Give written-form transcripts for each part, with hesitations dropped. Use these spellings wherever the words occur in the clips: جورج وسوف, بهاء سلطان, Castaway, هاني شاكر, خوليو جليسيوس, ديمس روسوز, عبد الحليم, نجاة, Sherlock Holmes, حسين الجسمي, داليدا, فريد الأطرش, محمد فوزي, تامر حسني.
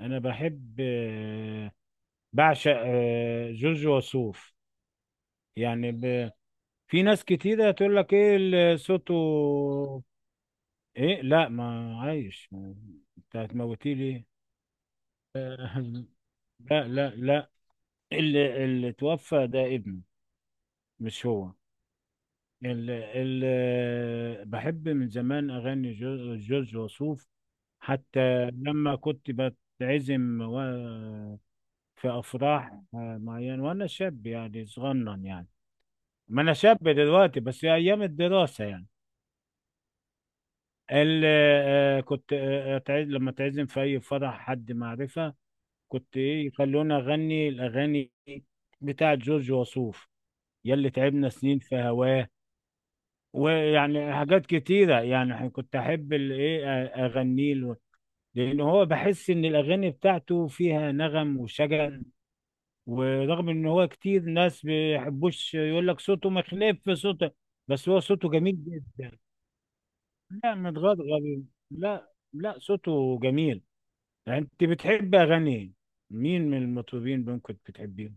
انا بحب بعشق جورج وسوف. يعني في ناس كتيرة تقول لك ايه اللي صوته. ايه، لا، ما عايش انت هتموتيه ليه؟ لا لا لا، اللي توفى ده ابنه، مش هو. اللي بحب من زمان اغاني جورج وسوف، حتى لما كنت بتعزم في افراح معينة، وانا شاب يعني صغنن يعني. ما انا شاب دلوقتي، بس هي ايام الدراسه يعني. لما تعزم في اي فرح حد معرفه، كنت ايه يخلونا اغني الاغاني بتاعه جورج وسوف: يلي تعبنا سنين في هواه. ويعني حاجات كتيره يعني، كنت احب ايه اغنيه له، لان هو بحس ان الاغاني بتاعته فيها نغم وشجن. ورغم ان هو كتير ناس بيحبوش، يقول لك صوته مخلف صوته، بس هو صوته جميل جدا. لا، متغضغض. لا لا، صوته جميل. يعني انت بتحب اغاني مين من المطربين ممكن بتحبيهم؟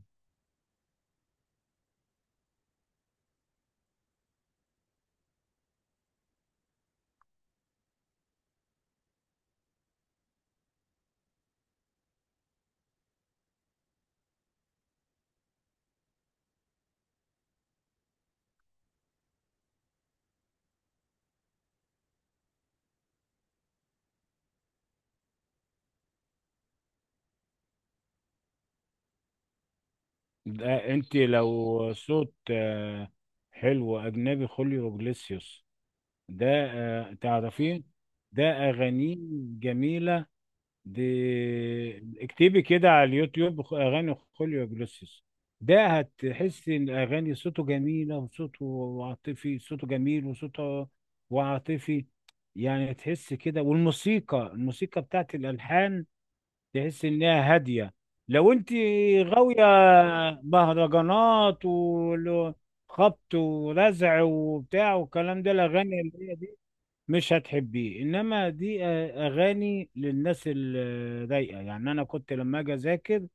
ده انت لو صوت حلو اجنبي، خوليو جليسيوس ده، تعرفيه؟ ده اغانيه جميلة دي. اكتبي كده على اليوتيوب اغاني خوليو جلوسيس، ده هتحسي ان اغاني صوته جميله، وصوته عاطفي، صوته جميل وصوته وعاطفي. يعني تحس كده، والموسيقى بتاعت الالحان تحس انها هاديه. لو انت غاويه مهرجانات وخبط ورزع وبتاع والكلام ده، الاغاني اللي هي دي مش هتحبيه، انما دي اغاني للناس الرايقه. يعني انا كنت لما اجي اذاكر،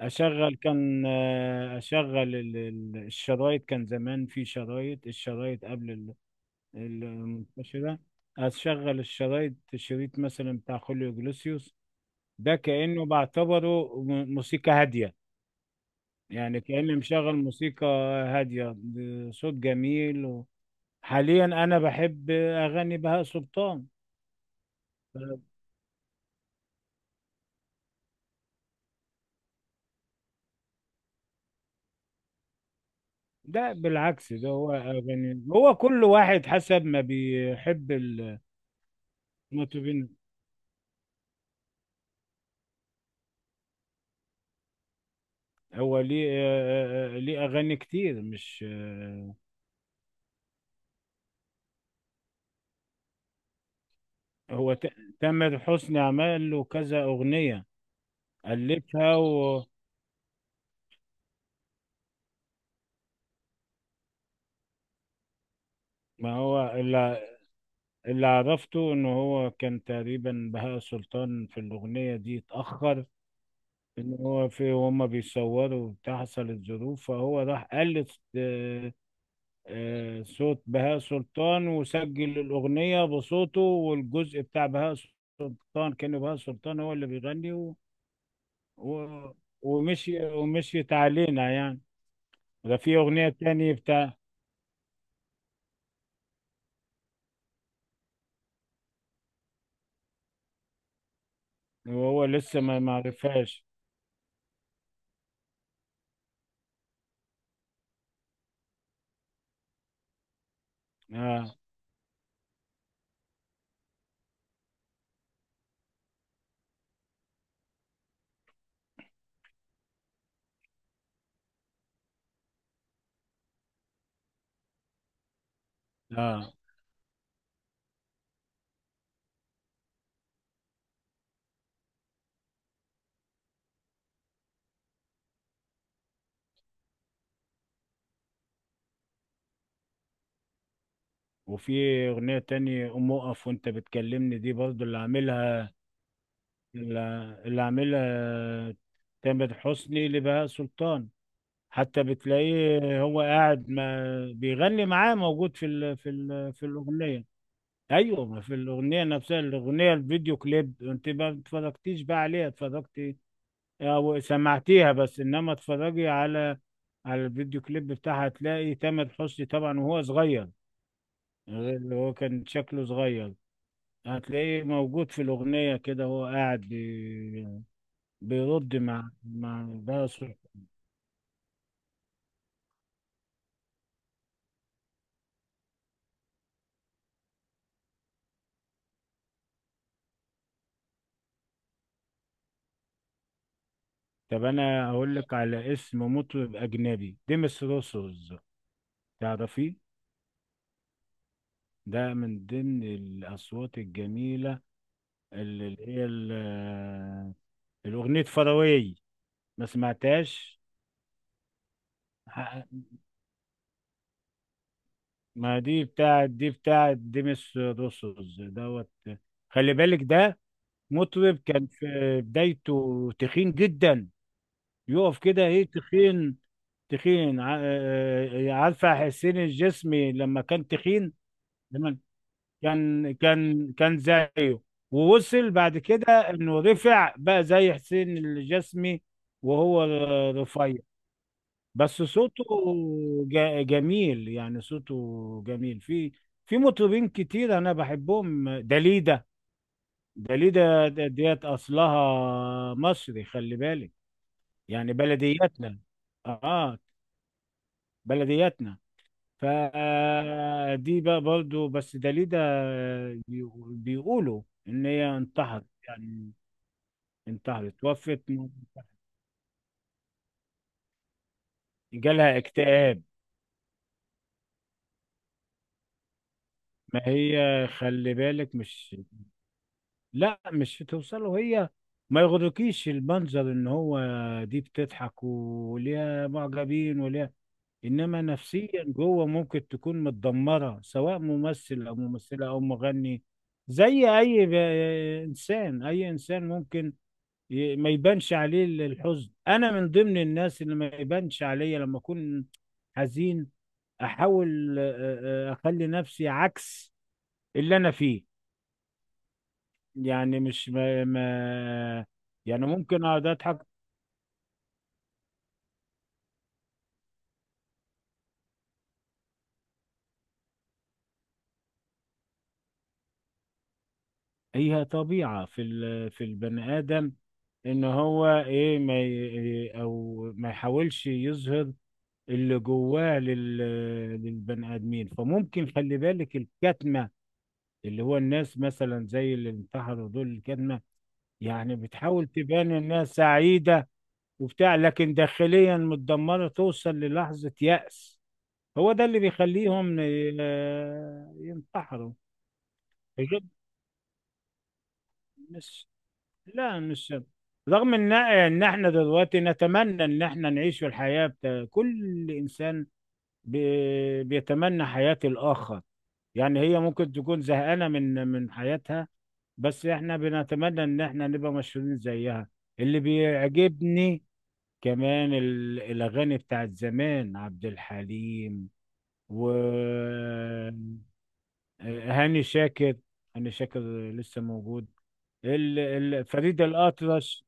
اشغل الشرايط، كان زمان في الشرايط قبل المنتشره. اشغل الشرايط، شريط مثلا بتاع خوليو جلوسيوس، ده كانه بعتبره موسيقى هاديه، يعني كاني مشغل موسيقى هاديه بصوت جميل حاليا انا بحب اغاني بهاء سلطان. ده بالعكس، ده هو أغاني، هو كل واحد حسب ما بيحب المطربين. هو ليه ليه أغاني كتير مش هو تامر حسني عمل له كذا أغنية ألفها ما هو اللي عرفته إن هو كان تقريبا بهاء سلطان في الأغنية دي اتأخر، إن هو في هما بيصوروا وبتاع، حصلت ظروف، فهو راح قلد صوت بهاء سلطان وسجل الأغنية بصوته، والجزء بتاع بهاء سلطان كان بهاء سلطان هو اللي بيغني و... و... ومشي ومشيت علينا يعني. ده في أغنية تانية بتاع، وهو لسه ما معرفهاش. اه اه. وفي أغنية تانية قوم اقف وانت بتكلمني، دي برضو اللي اللي عاملها تامر حسني لبهاء سلطان، حتى بتلاقيه هو قاعد ما بيغني معاه، موجود في الأغنية. ايوه، ما في الأغنية نفسها، الأغنية الفيديو كليب، انت ما اتفرجتيش بقى عليها؟ اتفرجتي او سمعتيها بس؟ انما اتفرجي على الفيديو كليب بتاعها، هتلاقي تامر حسني طبعا وهو صغير، غير اللي هو كان شكله صغير، هتلاقيه موجود في الأغنية كده، هو قاعد بيرد مع ده. طب انا اقول لك على اسم مطرب اجنبي، ديمس روسوز، تعرفيه؟ ده من ضمن الاصوات الجميله، اللي هي الاغنيه فراوي، ما سمعتهاش؟ ح- ما دي بتاعت، ديمس روسوز دوت. خلي بالك ده مطرب كان في بدايته تخين جدا، يقف كده، ايه تخين. تخين عارفه حسين الجسمي لما كان تخين؟ لما كان زيه، ووصل بعد كده انه رفع بقى زي حسين الجسمي، وهو رفيع. بس صوته جميل، يعني صوته جميل. في مطربين كتير انا بحبهم، داليدا. داليدا ديت اصلها مصري، خلي بالك، يعني بلدياتنا. اه، بلدياتنا. فدي بقى برضو بس، داليدا بيقولوا ان هي انتحرت يعني، انتحرت، توفت جالها اكتئاب. ما هي خلي بالك، مش. لا، مش هتوصله هي، ما يغركيش المنظر ان هو دي بتضحك وليها معجبين وليها، انما نفسيا جوه ممكن تكون متدمره، سواء ممثل او ممثله او مغني. زي اي انسان، اي انسان ممكن ما يبانش عليه الحزن. انا من ضمن الناس اللي ما يبانش عليا لما اكون حزين، احاول اخلي نفسي عكس اللي انا فيه، يعني مش ما. يعني ممكن اقعد اضحك. هي طبيعة في البني ادم، ان هو ايه ما ي- او ما يحاولش يظهر اللي جواه للبني ادمين. فممكن خلي بالك الكتمة، اللي هو الناس مثلا زي اللي انتحروا دول، الكتمة يعني بتحاول تبان انها سعيدة وبتاع، لكن داخليا متدمرة، توصل للحظة يأس. هو ده اللي بيخليهم ينتحروا بجد. مش، لا مش. رغم ان احنا دلوقتي نتمنى ان احنا نعيش في الحياة كل انسان بيتمنى حياة الاخر. يعني هي ممكن تكون زهقانة من حياتها، بس احنا بنتمنى ان احنا نبقى مشهورين زيها. اللي بيعجبني كمان الأغاني بتاعت زمان، عبد الحليم وهاني شاكر. هاني شاكر لسه موجود. فريد الأطرش،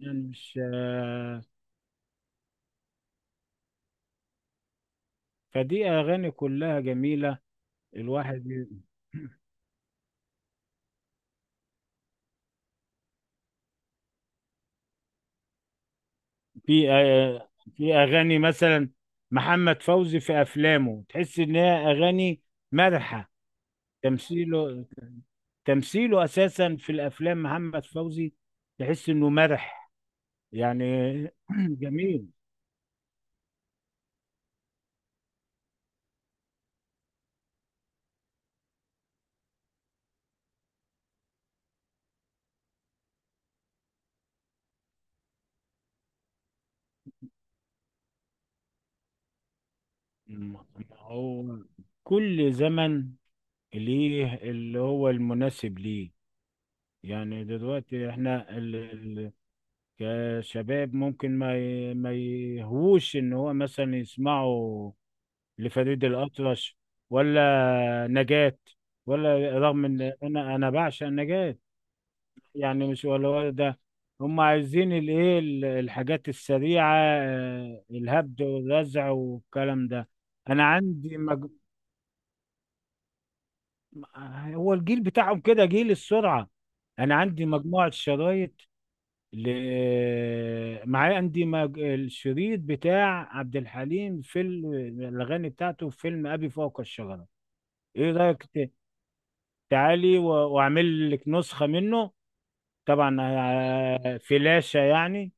يعني مش فدي أغاني كلها جميلة. الواحد في في أغاني مثلا محمد فوزي في أفلامه، تحس إن هي أغاني مرحة. تمثيله تمثيله أساسا في الأفلام محمد فوزي، تحس إنه مرح يعني. جميل. م- هو كل زمن ليه اللي هو المناسب ليه. يعني دلوقتي احنا كشباب ممكن ما يهوش ان هو مثلا يسمعوا لفريد الأطرش، ولا نجاة، ولا، رغم ان انا بعشق نجاة. يعني مش ولا ده. هم عايزين الايه الحاجات السريعة، الهبد والرزع والكلام ده. انا عندي هو الجيل بتاعهم كده جيل السرعة. انا عندي مجموعة شرايط ل... معايا عندي الشريط بتاع عبد الحليم في الاغاني بتاعته في فيلم ابي فوق الشجرة. ايه رأيك تعالي واعمل لك نسخة منه، طبعا فلاشة يعني،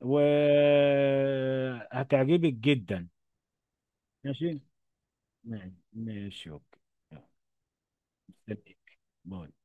وهتعجبك جدا. ماشي. ماشي ماشي، اوكي. يلا، مستنيك. باي.